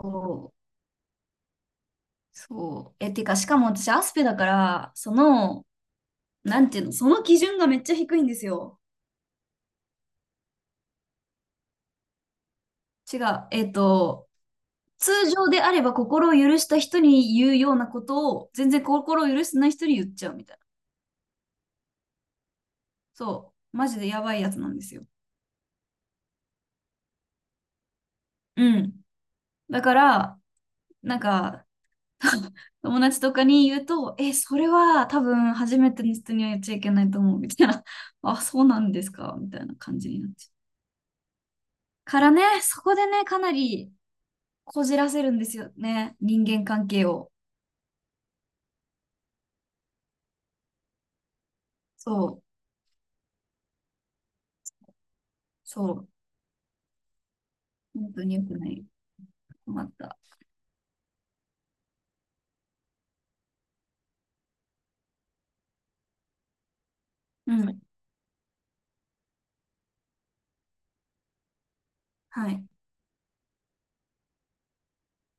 そう。そうえ、てか、しかも私、アスペだから、その、なんていうの、その基準がめっちゃ低いんですよ。違う。えっと、通常であれば心を許した人に言うようなことを、全然心を許してない人に言っちゃうみたいな。そう。マジでやばいやつなんですよ。うん。だから、なんか、友達とかに言うと、え、それは多分初めての人には言っちゃいけないと思う、みたいな。あ、そうなんですか、みたいな感じになっちゃう。からね、そこでね、かなり、こじらせるんですよね。人間関係を。そう。そう。本当に良くない。困った。うん。はい。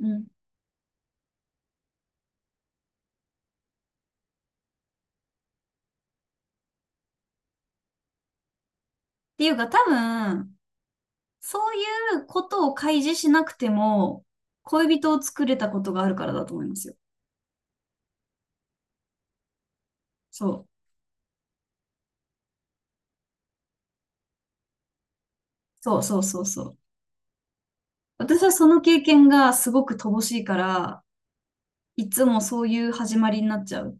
うん。っていうか、多分、そういうことを開示しなくても、恋人を作れたことがあるからだと思いますよ。そう。そうそうそうそう。私はその経験がすごく乏しいから、いつもそういう始まりになっちゃう。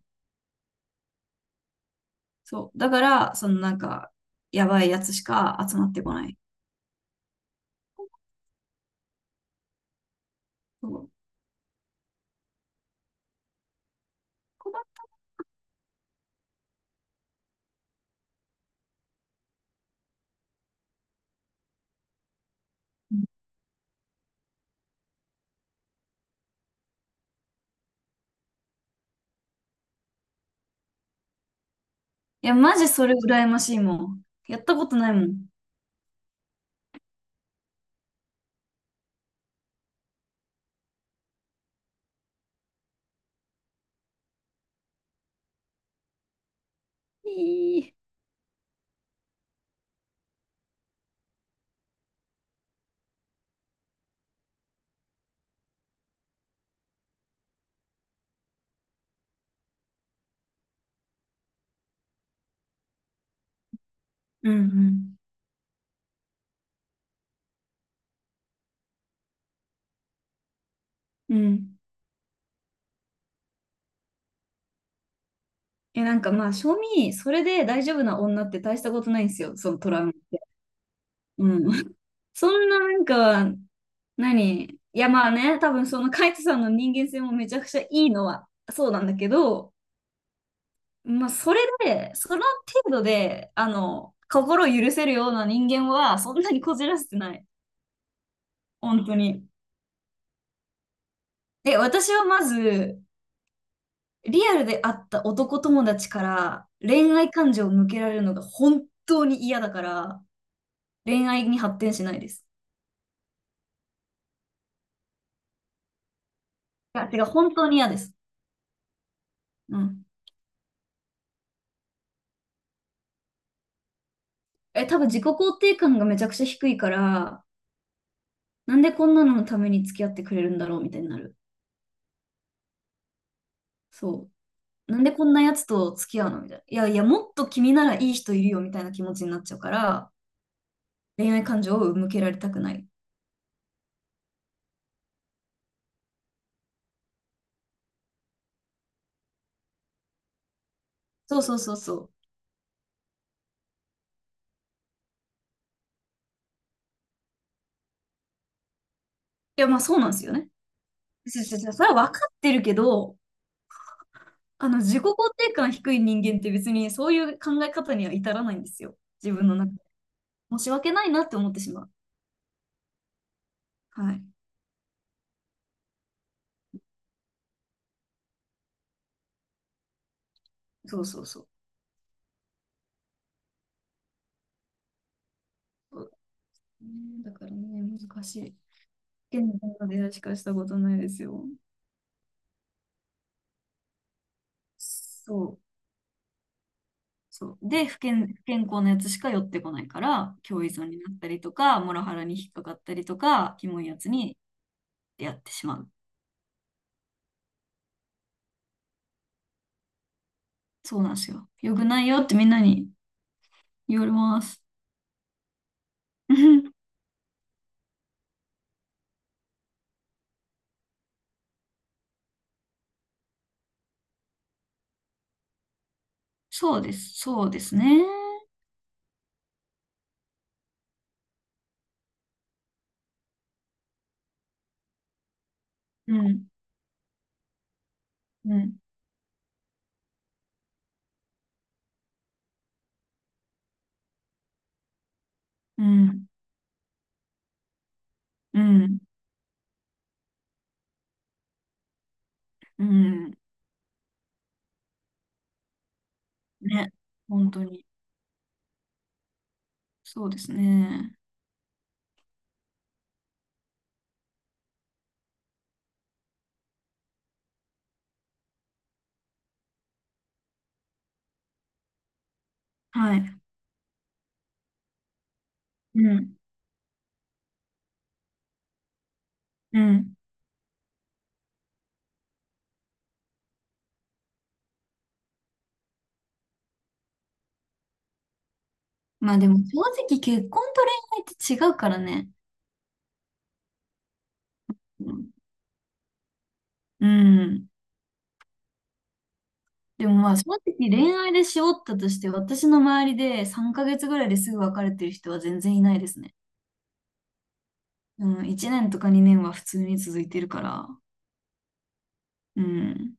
そう。だから、やばいやつしか集まってこない。そう。困った。いや、マジそれ羨ましいもん。やったことないもん。いい。うんうん。うん。え、正味、それで大丈夫な女って大したことないんですよ、そのトラウマって。うん。そんななんか、何いやまあね、多分そのカイトさんの人間性もめちゃくちゃいいのはそうなんだけど、まあそれで、その程度で、心を許せるような人間はそんなにこじらせてない。本当に。え、私はまず、リアルで会った男友達から恋愛感情を向けられるのが本当に嫌だから、恋愛に発展しないです。いや、てか本当に嫌です。うん。え、多分自己肯定感がめちゃくちゃ低いから、なんでこんなののために付き合ってくれるんだろうみたいになる。そう。なんでこんなやつと付き合うのみたいな。いやいや、もっと君ならいい人いるよみたいな気持ちになっちゃうから、恋愛感情を向けられたくない。そうそうそうそう。いや、まあそうなんですよね。それは分かってるけど、自己肯定感低い人間って別にそういう考え方には至らないんですよ。自分の中で。申し訳ないなって思ってしまう。はい。そうそうそう。そうんだからね、難しい。不健康な出会いしかしたことないですよ。そう。そう。で、不健康なやつしか寄ってこないから、共依存になったりとか、モラハラに引っかかったりとか、キモいやつに出会ってしまう。そうなんですよ。よくないよってみんなに言われます。そうです。そうですね。うん。うん、うん、うん、うん、ね、本当に、そうですね。はい、うん、うん。まあでも、正直結婚と恋愛って違うからね。うん、うん。でもまあ、正直恋愛でしおったとして、私の周りで3ヶ月ぐらいですぐ別れてる人は全然いないですね。うん、1年とか2年は普通に続いてるから。うん、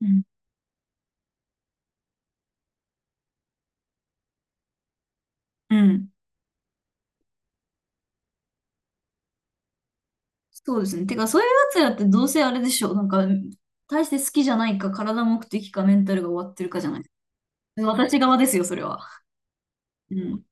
うん、うん。そうですね。てか、そういうやつらってどうせあれでしょう。大して好きじゃないか、体目的か、メンタルが終わってるかじゃない。私側ですよ、それは。うん。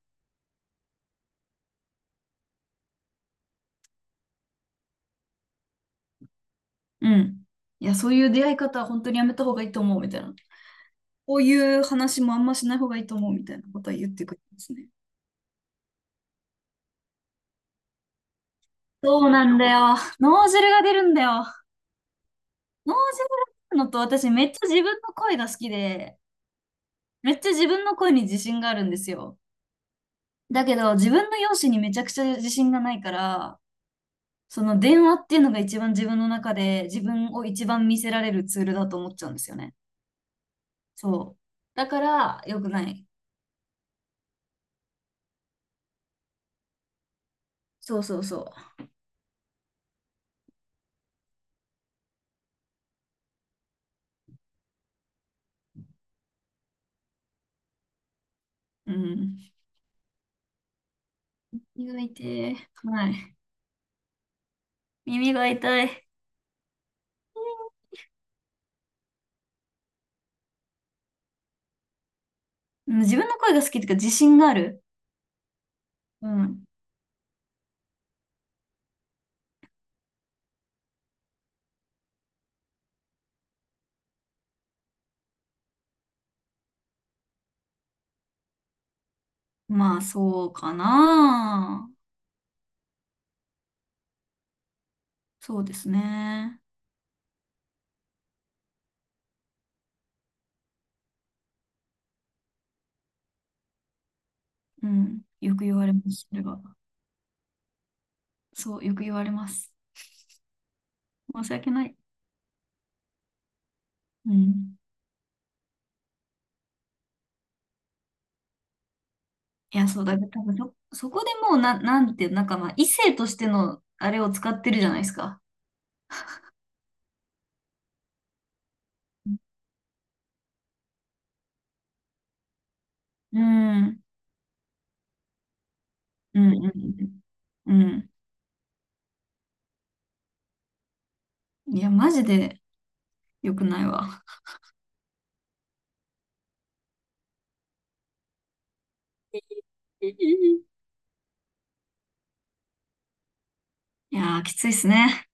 うん。いや、そういう出会い方は本当にやめた方がいいと思う、みたいな。こういう話もあんましない方がいいと思う、みたいなことは言ってくるんですね。そうなんだよ。脳汁が出るんだよ。脳汁が出るのと、私めっちゃ自分の声が好きで、めっちゃ自分の声に自信があるんですよ。だけど、自分の容姿にめちゃくちゃ自信がないから、その電話っていうのが一番自分の中で自分を一番見せられるツールだと思っちゃうんですよね。そう。だから良くない。そうそうそう。うん。耳が痛い。はい。耳が痛い。うん、自分の声が好きっていうか自信がある。うん。まあそうかな。そうですね。うん。よく言われます。それは。そう、よく言われます。申し訳ない。うん。いや、そうだ、多分そ、そこでもうな、なんていう、なんかまあ、異性としてのあれを使ってるじゃないですか。うん、うん、うん、うん。うん、いや、マジで良くないわ。いやー、きついっすね。